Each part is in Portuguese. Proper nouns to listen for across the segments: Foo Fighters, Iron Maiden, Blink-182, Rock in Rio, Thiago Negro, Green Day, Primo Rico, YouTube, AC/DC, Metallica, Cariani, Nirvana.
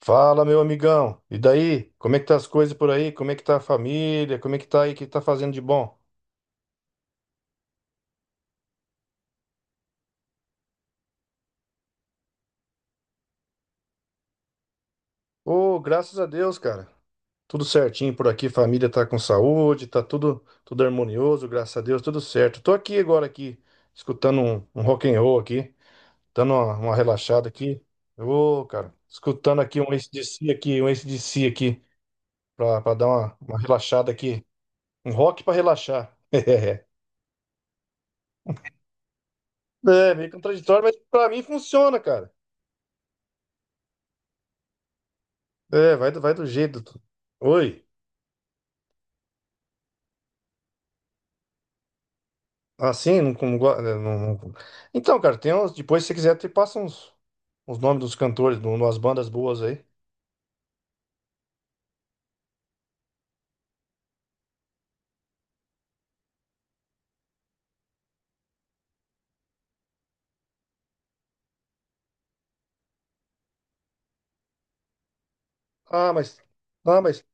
Fala, meu amigão. E daí? Como é que tá as coisas por aí? Como é que tá a família? Como é que tá aí? O que tá fazendo de bom? Ô, graças a Deus, cara. Tudo certinho por aqui, família tá com saúde, tá tudo harmonioso, graças a Deus, tudo certo. Tô aqui agora aqui, escutando um rock and roll aqui, dando uma relaxada aqui. Ô, cara, escutando aqui um AC/DC aqui, um AC/DC aqui, pra dar uma relaxada aqui. Um rock pra relaxar. É, meio contraditório, mas pra mim funciona, cara. É, vai do jeito. Oi. Assim, não- então, cara, tem uns. Depois, se você quiser, te passa uns nomes dos cantores, de umas bandas boas aí. Ah, mas. Ah, mas,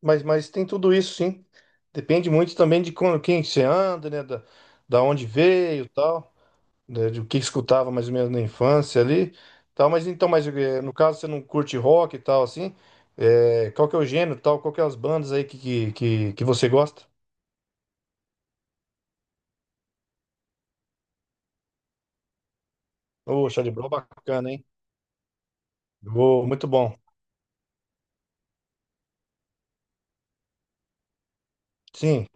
mas tem tudo isso, sim. Depende muito também de quando, quem que você anda, né? Da onde veio e tal. Né, de o que escutava mais ou menos na infância ali. Tal, mas então, mas no caso você não curte rock e tal, assim. Qual que é o gênero e tal? Qual que é as bandas aí que você gosta? Ô, Charlie Brown, é bacana, hein? Boa, muito bom. Sim,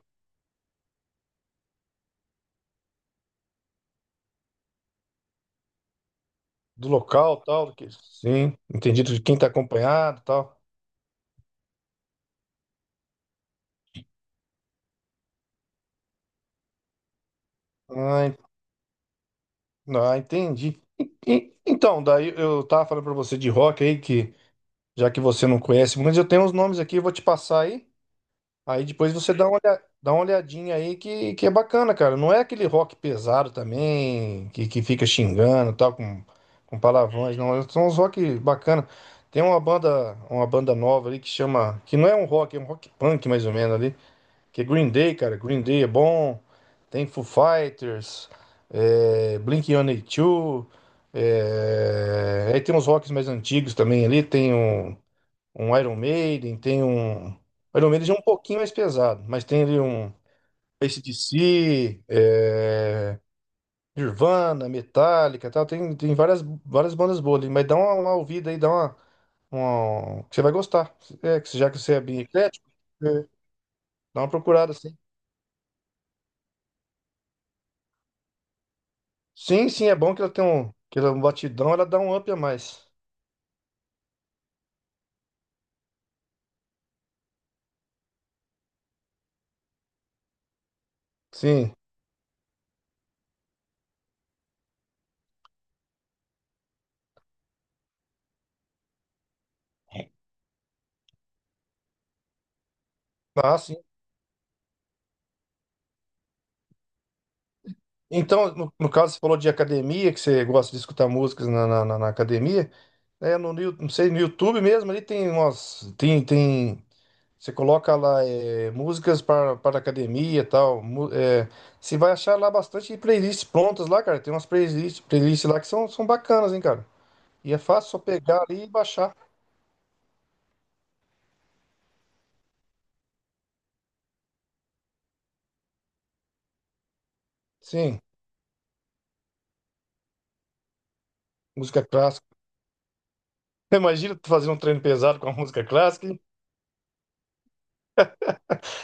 do local, tal, do que... Sim, entendido de quem tá acompanhado, tal. Ah, en- entendi. Então, daí eu tava falando pra você de rock aí, que, já que você não conhece muito, eu tenho uns nomes aqui, eu vou te passar aí. Aí depois você dá uma, dá uma olhadinha aí que é bacana, cara. Não é aquele rock pesado também, que fica xingando, e tal, com palavrões, não. São uns rock bacana. Tem uma banda nova ali que chama, que não é um rock, é um rock punk mais ou menos ali. Que Green Day, cara, Green Day é bom, tem Foo Fighters, é, Blink-182, é, aí tem uns rocks mais antigos também ali, tem um, um Iron Maiden, tem um... Iron Maiden já é um pouquinho mais pesado, mas tem ali um AC/DC, é, Nirvana, Metallica, tal, tem, tem várias, várias bandas boas ali, mas dá uma ouvida aí, dá uma- que você vai gostar, é, que já que você é bem eclético, é, dá uma procurada, assim. Sim, sim, é bom que ela tem um, que ela é um batidão, ela dá um up a mais. Sim. Ah, sim. Então, no, no caso, você falou de academia, que você gosta de escutar músicas na academia. É, no, não sei, no YouTube mesmo, ali tem umas. Tem, você coloca lá é, músicas para academia e tal. É, você vai achar lá bastante playlists prontas lá, cara. Tem umas playlists, playlists lá que são, são bacanas, hein, cara. E é fácil só pegar ali e baixar. Sim, música clássica. Imagina tu fazer um treino pesado com a música clássica.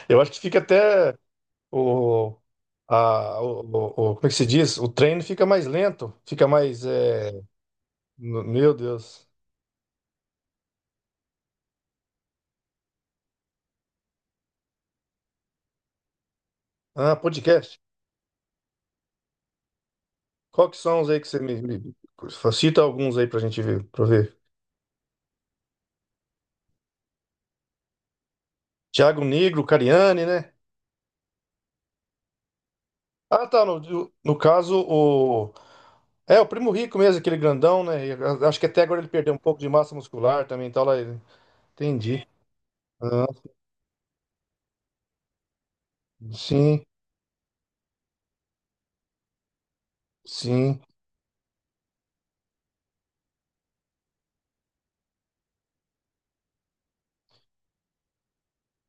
Eu acho que fica até o, a, o, o- como é que se diz? O treino fica mais lento, fica mais, é, meu Deus. Ah, podcast. Qual que são os aí que você cita alguns aí pra gente ver, pra ver. Thiago Negro, Cariani, né? Ah, tá, no caso o é o Primo Rico mesmo, aquele grandão, né? Acho que até agora ele perdeu um pouco de massa muscular também, e tal lá. Entendi. Ah, sim, sim.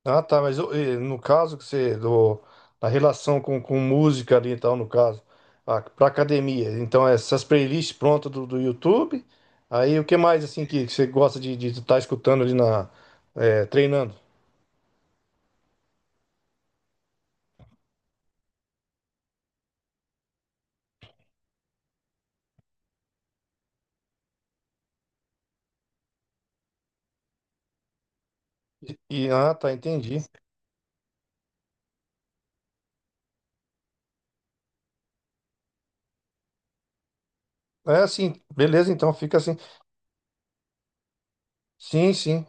Ah, tá, mas ô, no caso que você do, na relação com música ali e tal, no caso, a, pra academia. Então, essas playlists prontas do YouTube. Aí o que mais assim que você gosta de estar escutando ali na treinando? Tá, entendi. É assim, beleza, então fica assim. Sim, sim.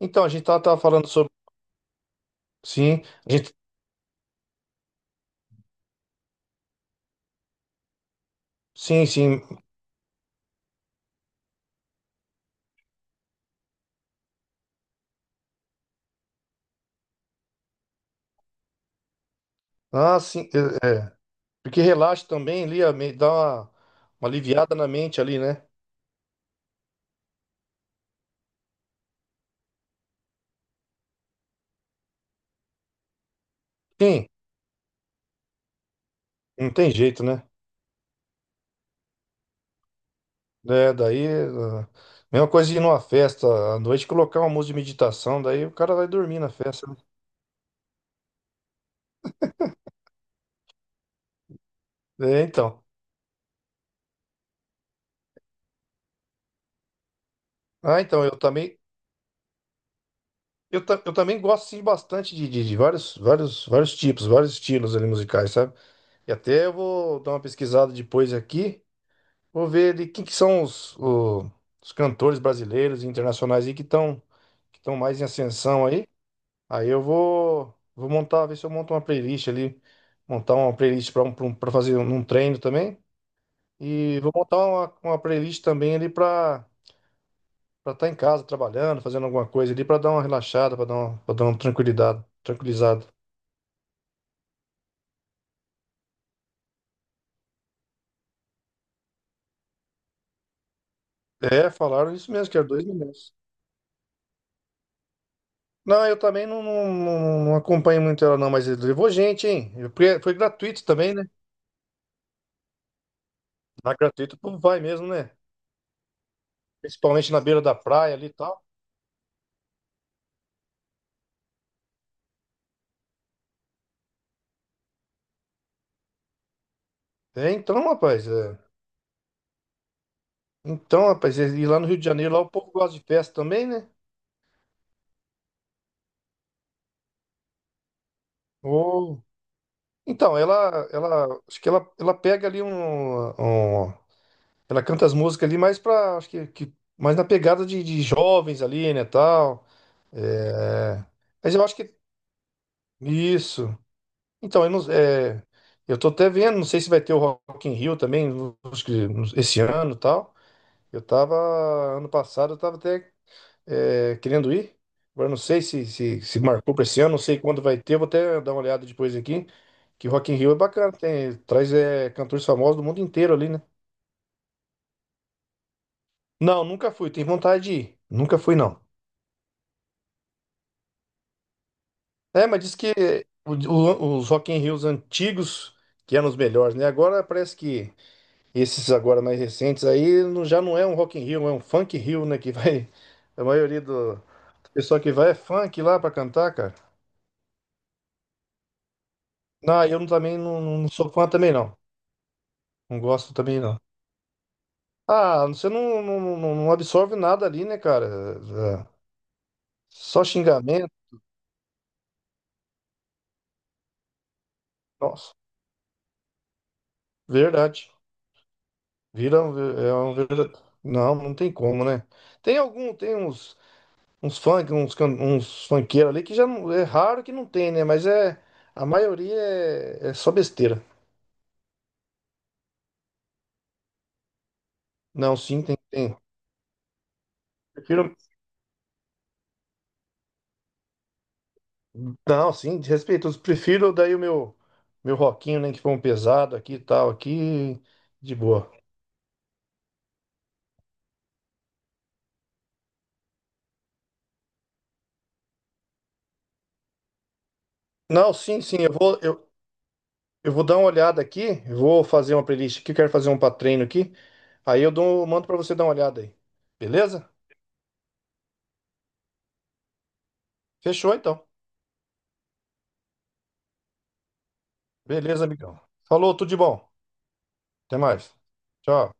Então, a gente tava falando sobre. Sim, a gente. Sim, sim. Ah, sim. É, é. Porque relaxa também ali, dá uma aliviada na mente ali, né? Sim, não tem jeito, né? É, daí, mesma coisa de ir numa festa à noite, colocar uma música de meditação, daí o cara vai dormir na festa, né? É, então. Ah, então, eu também, eu também gosto sim, bastante de vários, vários tipos, vários estilos ali musicais, sabe? E até eu vou dar uma pesquisada depois aqui, vou ver de quem que são os cantores brasileiros e internacionais aí que estão, que estão mais em ascensão aí. Aí eu vou, vou montar, ver se eu monto uma playlist ali, montar uma playlist para um, pra fazer um um treino também. E vou montar uma playlist também ali para, para estar tá em casa, trabalhando, fazendo alguma coisa ali, para dar uma relaxada, para dar uma, pra dar uma tranquilidade, tranquilizado. É, falaram isso mesmo, que era dois minutos. Não, eu também não acompanho muito ela, não, mas ele levou gente, hein? Porque foi gratuito também, né? Na gratuito, o povo vai mesmo, né? Principalmente na beira da praia ali e tal. É. Então, rapaz, e lá no Rio de Janeiro, lá o povo gosta de festa também, né? Ou... Então, acho que ela pega ali um, um, ela canta as músicas ali mais pra, acho que mais na pegada de jovens ali, né, tal. É, mas eu acho que isso. Então, eu não, é, eu tô até vendo, não sei se vai ter o Rock in Rio também, acho que esse ano, e tal. Eu tava ano passado, eu tava até é, querendo ir. Agora não sei se marcou para esse ano, não sei quando vai ter, eu vou até dar uma olhada depois aqui. Que Rock in Rio é bacana, tem, traz é, cantores famosos do mundo inteiro ali, né? Não, nunca fui, tenho vontade de ir. Nunca fui, não. É, mas diz que os Rock in Rios antigos que eram os melhores, né? Agora parece que esses agora mais recentes aí já não é um Rock in Rio, é um Funk Rio, né? Que vai... A maioria do pessoal que vai é funk lá pra cantar, cara. Não, eu também não, não sou fã também, não. Não gosto também, não. Ah, você não absorve nada ali, né, cara? É, só xingamento. Nossa, verdade. Vira um... É um... não, não tem como, né? Tem algum, tem uns... uns funk, uns, uns funkeiros ali que já não, é raro que não tem, né? Mas é a maioria é, é só besteira. Não, sim, tem, tem. Prefiro, não, sim, de respeito. Prefiro daí o meu rockinho, né, que foi um pesado aqui e tal, aqui de boa. Não, sim, sim, eu vou dar uma olhada aqui, eu vou fazer uma playlist aqui, eu quero fazer um pra treino aqui. Aí eu dou, mando pra você dar uma olhada aí. Beleza? Fechou então. Beleza, amigão. Falou, tudo de bom. Até mais. Tchau.